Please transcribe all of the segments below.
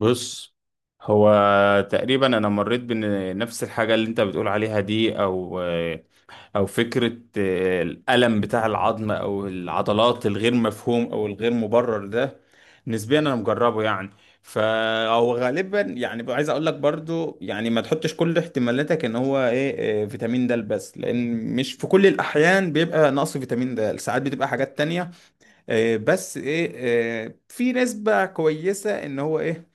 بص، هو تقريبا انا مريت بنفس الحاجه اللي انت بتقول عليها دي، او فكره الالم بتاع العظم او العضلات الغير مفهوم او الغير مبرر ده. نسبيا انا مجربه يعني. فهو غالبا يعني عايز اقول لك برضو يعني ما تحطش كل احتمالاتك ان هو ايه إيه، فيتامين د، بس لان مش في كل الاحيان بيبقى نقص فيتامين د، ساعات بتبقى حاجات تانية. إيه، بس ايه إيه، في نسبة كويسة ان هو ايه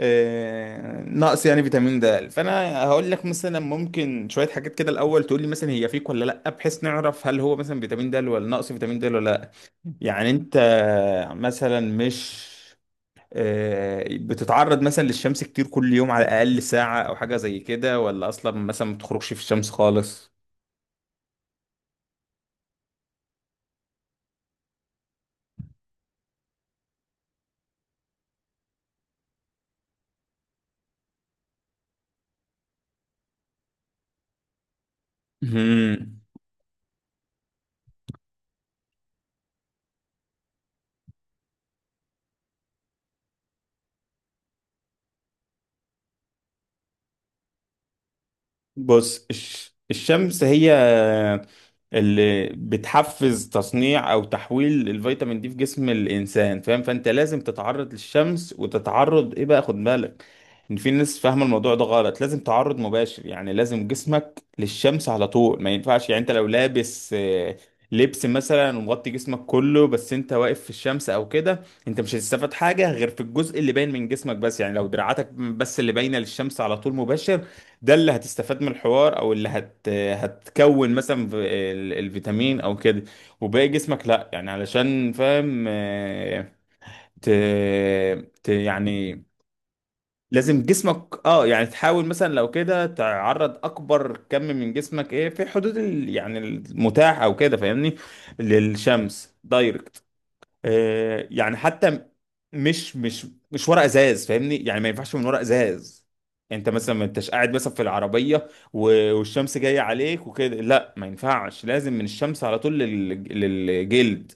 آه، نقص يعني فيتامين د. فانا هقول لك مثلا ممكن شويه حاجات كده الاول، تقول لي مثلا هي فيك ولا لا، بحيث نعرف هل هو مثلا فيتامين د ولا نقص فيتامين د ولا لا. يعني انت مثلا مش بتتعرض مثلا للشمس كتير كل يوم، على الاقل ساعه او حاجه زي كده، ولا اصلا مثلا ما بتخرجش في الشمس خالص؟ مهم. بص، الشمس هي اللي بتحفز تصنيع او تحويل الفيتامين دي في جسم الانسان، فاهم؟ فانت لازم تتعرض للشمس وتتعرض ايه، بقى خد بالك ان في ناس فاهمه الموضوع ده غلط. لازم تعرض مباشر، يعني لازم جسمك للشمس على طول، ما ينفعش، يعني انت لو لابس لبس مثلا ومغطي جسمك كله بس انت واقف في الشمس او كده، انت مش هتستفاد حاجه غير في الجزء اللي باين من جسمك بس. يعني لو دراعاتك بس اللي باينه للشمس على طول مباشر، ده اللي هتستفاد من الحوار، او اللي هتكون مثلا في الفيتامين او كده، وباقي جسمك لا، يعني علشان فاهم. ت... يعني لازم جسمك، اه يعني تحاول مثلا لو كده تعرض اكبر كم من جسمك، ايه في حدود ال... يعني المتاح او كده، فاهمني؟ للشمس دايركت. يعني حتى مش مش مش ورق ازاز، فاهمني، يعني ما ينفعش من ورق ازاز. انت مثلا ما انتش قاعد مثلا في العربيه والشمس جايه عليك وكده، لا ما ينفعش، لازم من الشمس على طول للجلد.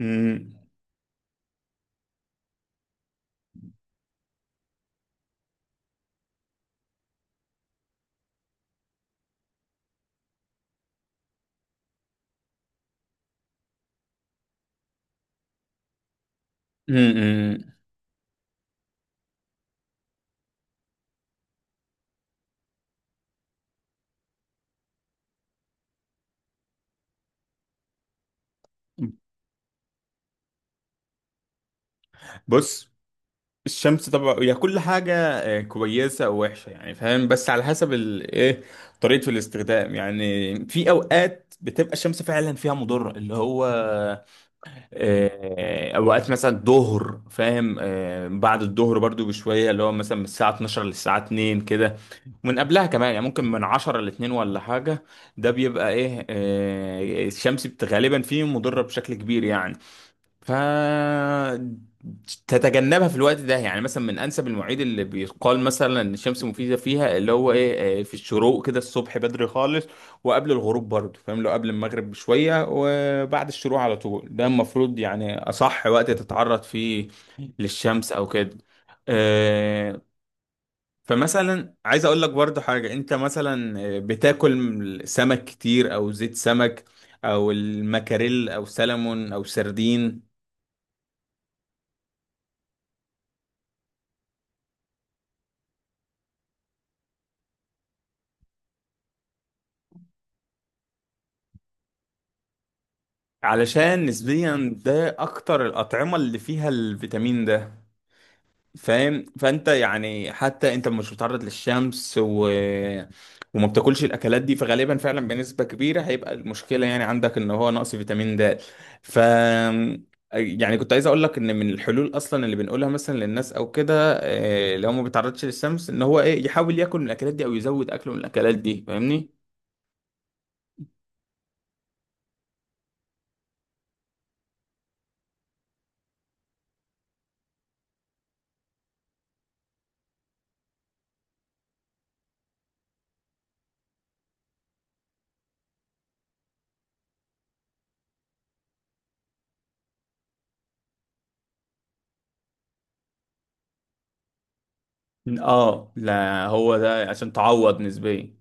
مم. امم. بص، الشمس طبعا هي كل حاجة كويسة أو وحشة يعني فاهم، بس على حسب إيه طريقة الاستخدام. يعني في أوقات بتبقى الشمس فعلا فيها مضرة، اللي هو اوقات مثلا الظهر فاهم، بعد الظهر برضو بشويه، اللي هو مثلا من الساعه 12 للساعه 2 كده، من قبلها كمان يعني ممكن من 10 ل 2 ولا حاجه. ده بيبقى ايه، الشمس غالبا فيه مضره بشكل كبير يعني. ف تتجنبها في الوقت ده. يعني مثلا من انسب المواعيد اللي بيقال مثلا ان الشمس مفيده فيها، اللي هو ايه، في الشروق كده الصبح بدري خالص، وقبل الغروب برضه فاهم، لو قبل المغرب بشويه وبعد الشروق على طول، ده المفروض يعني اصح وقت تتعرض فيه للشمس او كده. آه، فمثلا عايز اقول لك برضه حاجه، انت مثلا بتاكل سمك كتير او زيت سمك او المكاريل او سلمون او سردين؟ علشان نسبيا ده اكتر الاطعمه اللي فيها الفيتامين ده فاهم. فانت يعني حتى انت مش متعرض للشمس وما بتاكلش الاكلات دي، فغالبا فعلا بنسبه كبيره هيبقى المشكله يعني عندك ان هو نقص فيتامين د. ف يعني كنت عايز اقول لك ان من الحلول اصلا اللي بنقولها مثلا للناس او كده، لو ما بيتعرضش للشمس، ان هو ايه، يحاول ياكل من الاكلات دي او يزود اكله من الاكلات دي، فاهمني؟ اه لا، هو ده عشان تعوض نسبيا.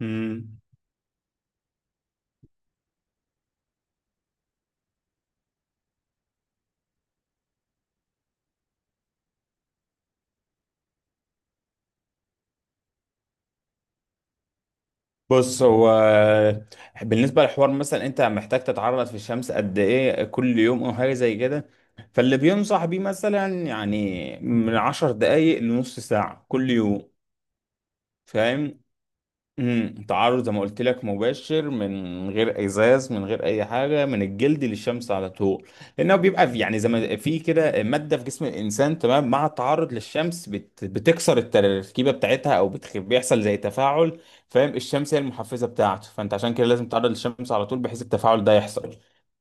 مم. بص، هو بالنسبة للحوار مثلا انت محتاج تتعرض في الشمس قد ايه كل يوم او حاجة زي كده، فاللي بينصح بيه مثلا يعني من 10 دقايق لنص ساعة كل يوم، فاهم؟ امم، تعرض زي ما قلت لك مباشر، من غير ازاز، من غير اي حاجه، من الجلد للشمس على طول، لانه بيبقى في، يعني زي ما في كده ماده في جسم الانسان تمام، مع التعرض للشمس بتكسر التركيبه بتاعتها، او بيحصل زي تفاعل فاهم. الشمس هي المحفزه بتاعته، فانت عشان كده لازم تتعرض للشمس على طول بحيث التفاعل ده يحصل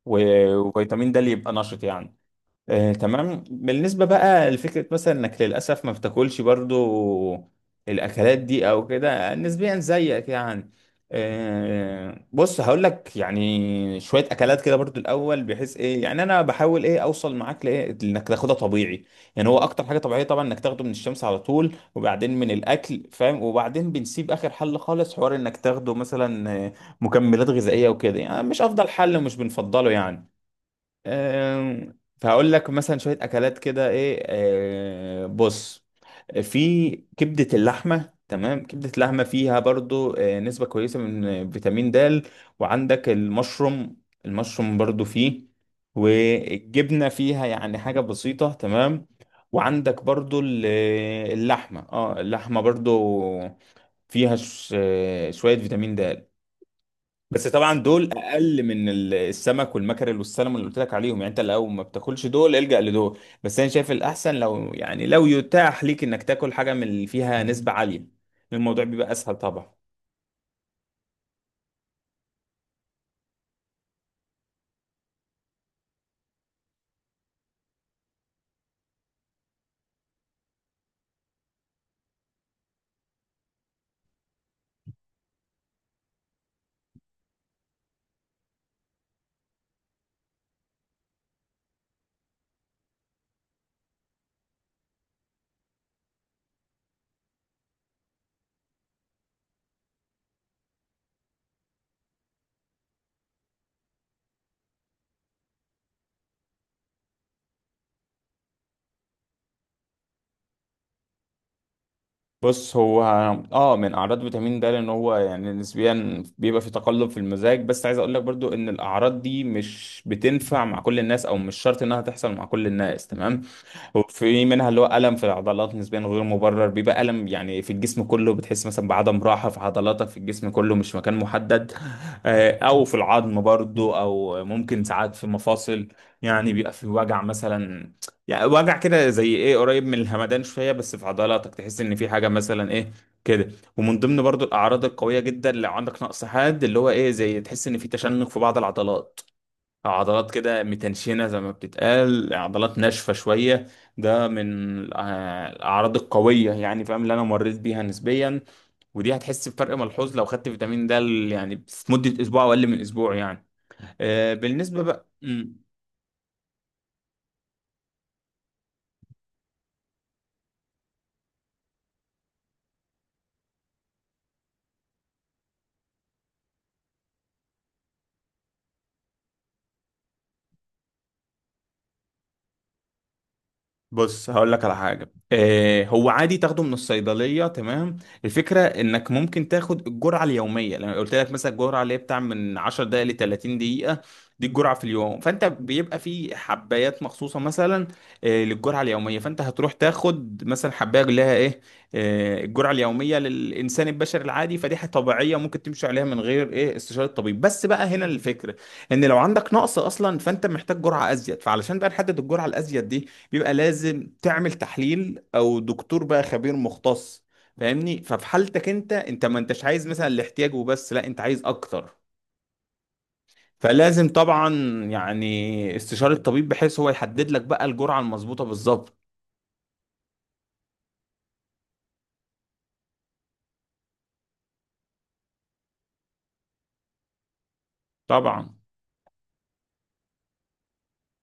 وفيتامين ده اللي يبقى نشط يعني. تمام، بالنسبة بقى لفكرة مثلا انك للأسف ما بتاكلش برضو الأكلات دي أو كده نسبيا زيك يعني. بص، هقول لك يعني شوية أكلات كده برضو الأول، بحيث إيه، يعني أنا بحاول إيه أوصل معاك لإيه، إنك تاخدها طبيعي. يعني هو أكتر حاجة طبيعية طبعا إنك تاخده من الشمس على طول، وبعدين من الأكل فاهم، وبعدين بنسيب آخر حل خالص حوار، إنك تاخده مثلا مكملات غذائية وكده، يعني مش أفضل حل ومش بنفضله يعني. فهقول لك مثلا شوية أكلات كده إيه، بص، في كبدة اللحمة تمام، كبدة اللحمة فيها برضو نسبة كويسة من فيتامين د. وعندك المشروم، المشروم برضو فيه، والجبنة فيها يعني حاجة بسيطة تمام. وعندك برضو اللحمة، اه اللحمة برضو فيها شوية فيتامين د. بس طبعا دول اقل من السمك والمكرل والسلمون اللي قلت لك عليهم. يعني انت لو ما بتاكلش دول الجأ لدول، بس انا شايف الاحسن لو يعني لو يتاح ليك انك تاكل حاجه من اللي فيها نسبه عاليه، الموضوع بيبقى اسهل طبعا. بص، هو اه من اعراض فيتامين د لان هو يعني نسبيا بيبقى في تقلب في المزاج، بس عايز اقول لك برضو ان الاعراض دي مش بتنفع مع كل الناس، او مش شرط انها تحصل مع كل الناس تمام. وفي منها اللي هو الم في العضلات نسبيا غير مبرر، بيبقى الم يعني في الجسم كله، بتحس مثلا بعدم راحه في عضلاتك في الجسم كله مش مكان محدد. او في العظم برضو، او ممكن ساعات في مفاصل، يعني بيبقى في وجع مثلا. يعني وجع كده زي ايه، قريب من الهمدان شويه، بس في عضلاتك تحس ان في حاجه مثلا ايه كده. ومن ضمن برضو الاعراض القويه جدا لو عندك نقص حاد اللي هو ايه، زي تحس ان في تشنج في بعض العضلات، أو عضلات كده متنشنه زي ما بتتقال عضلات ناشفه شويه. ده من الأع- الاعراض القويه يعني فاهم، اللي انا مريت بيها نسبيا. ودي هتحس بفرق ملحوظ لو خدت فيتامين د يعني في مده اسبوع او اقل من اسبوع يعني. بالنسبه بقى، بص هقول لك على حاجة. آه هو عادي تاخده من الصيدلية تمام. الفكرة انك ممكن تاخد الجرعة اليومية، لما قلت لك مثلا الجرعة اللي هي بتاع من 10 دقايق ل 30 دقيقة، دي الجرعة في اليوم. فانت بيبقى في حبايات مخصوصة مثلا آه للجرعة اليومية، فانت هتروح تاخد مثلا حباية اللي لها ايه، آه الجرعة اليومية للإنسان البشري العادي. فدي حاجة طبيعية ممكن تمشي عليها من غير ايه استشارة الطبيب. بس بقى هنا الفكرة، ان لو عندك نقص اصلا فانت محتاج جرعة ازيد، فعلشان بقى نحدد الجرعة الازيد بيبقى لازم تعمل تحليل، او دكتور بقى خبير مختص فاهمني. ففي حالتك انت، انت ما انتش عايز مثلا الاحتياج وبس لا، انت عايز اكتر، فلازم طبعا يعني استشارة الطبيب بحيث هو يحدد لك بقى الجرعة المظبوطة بالظبط طبعا.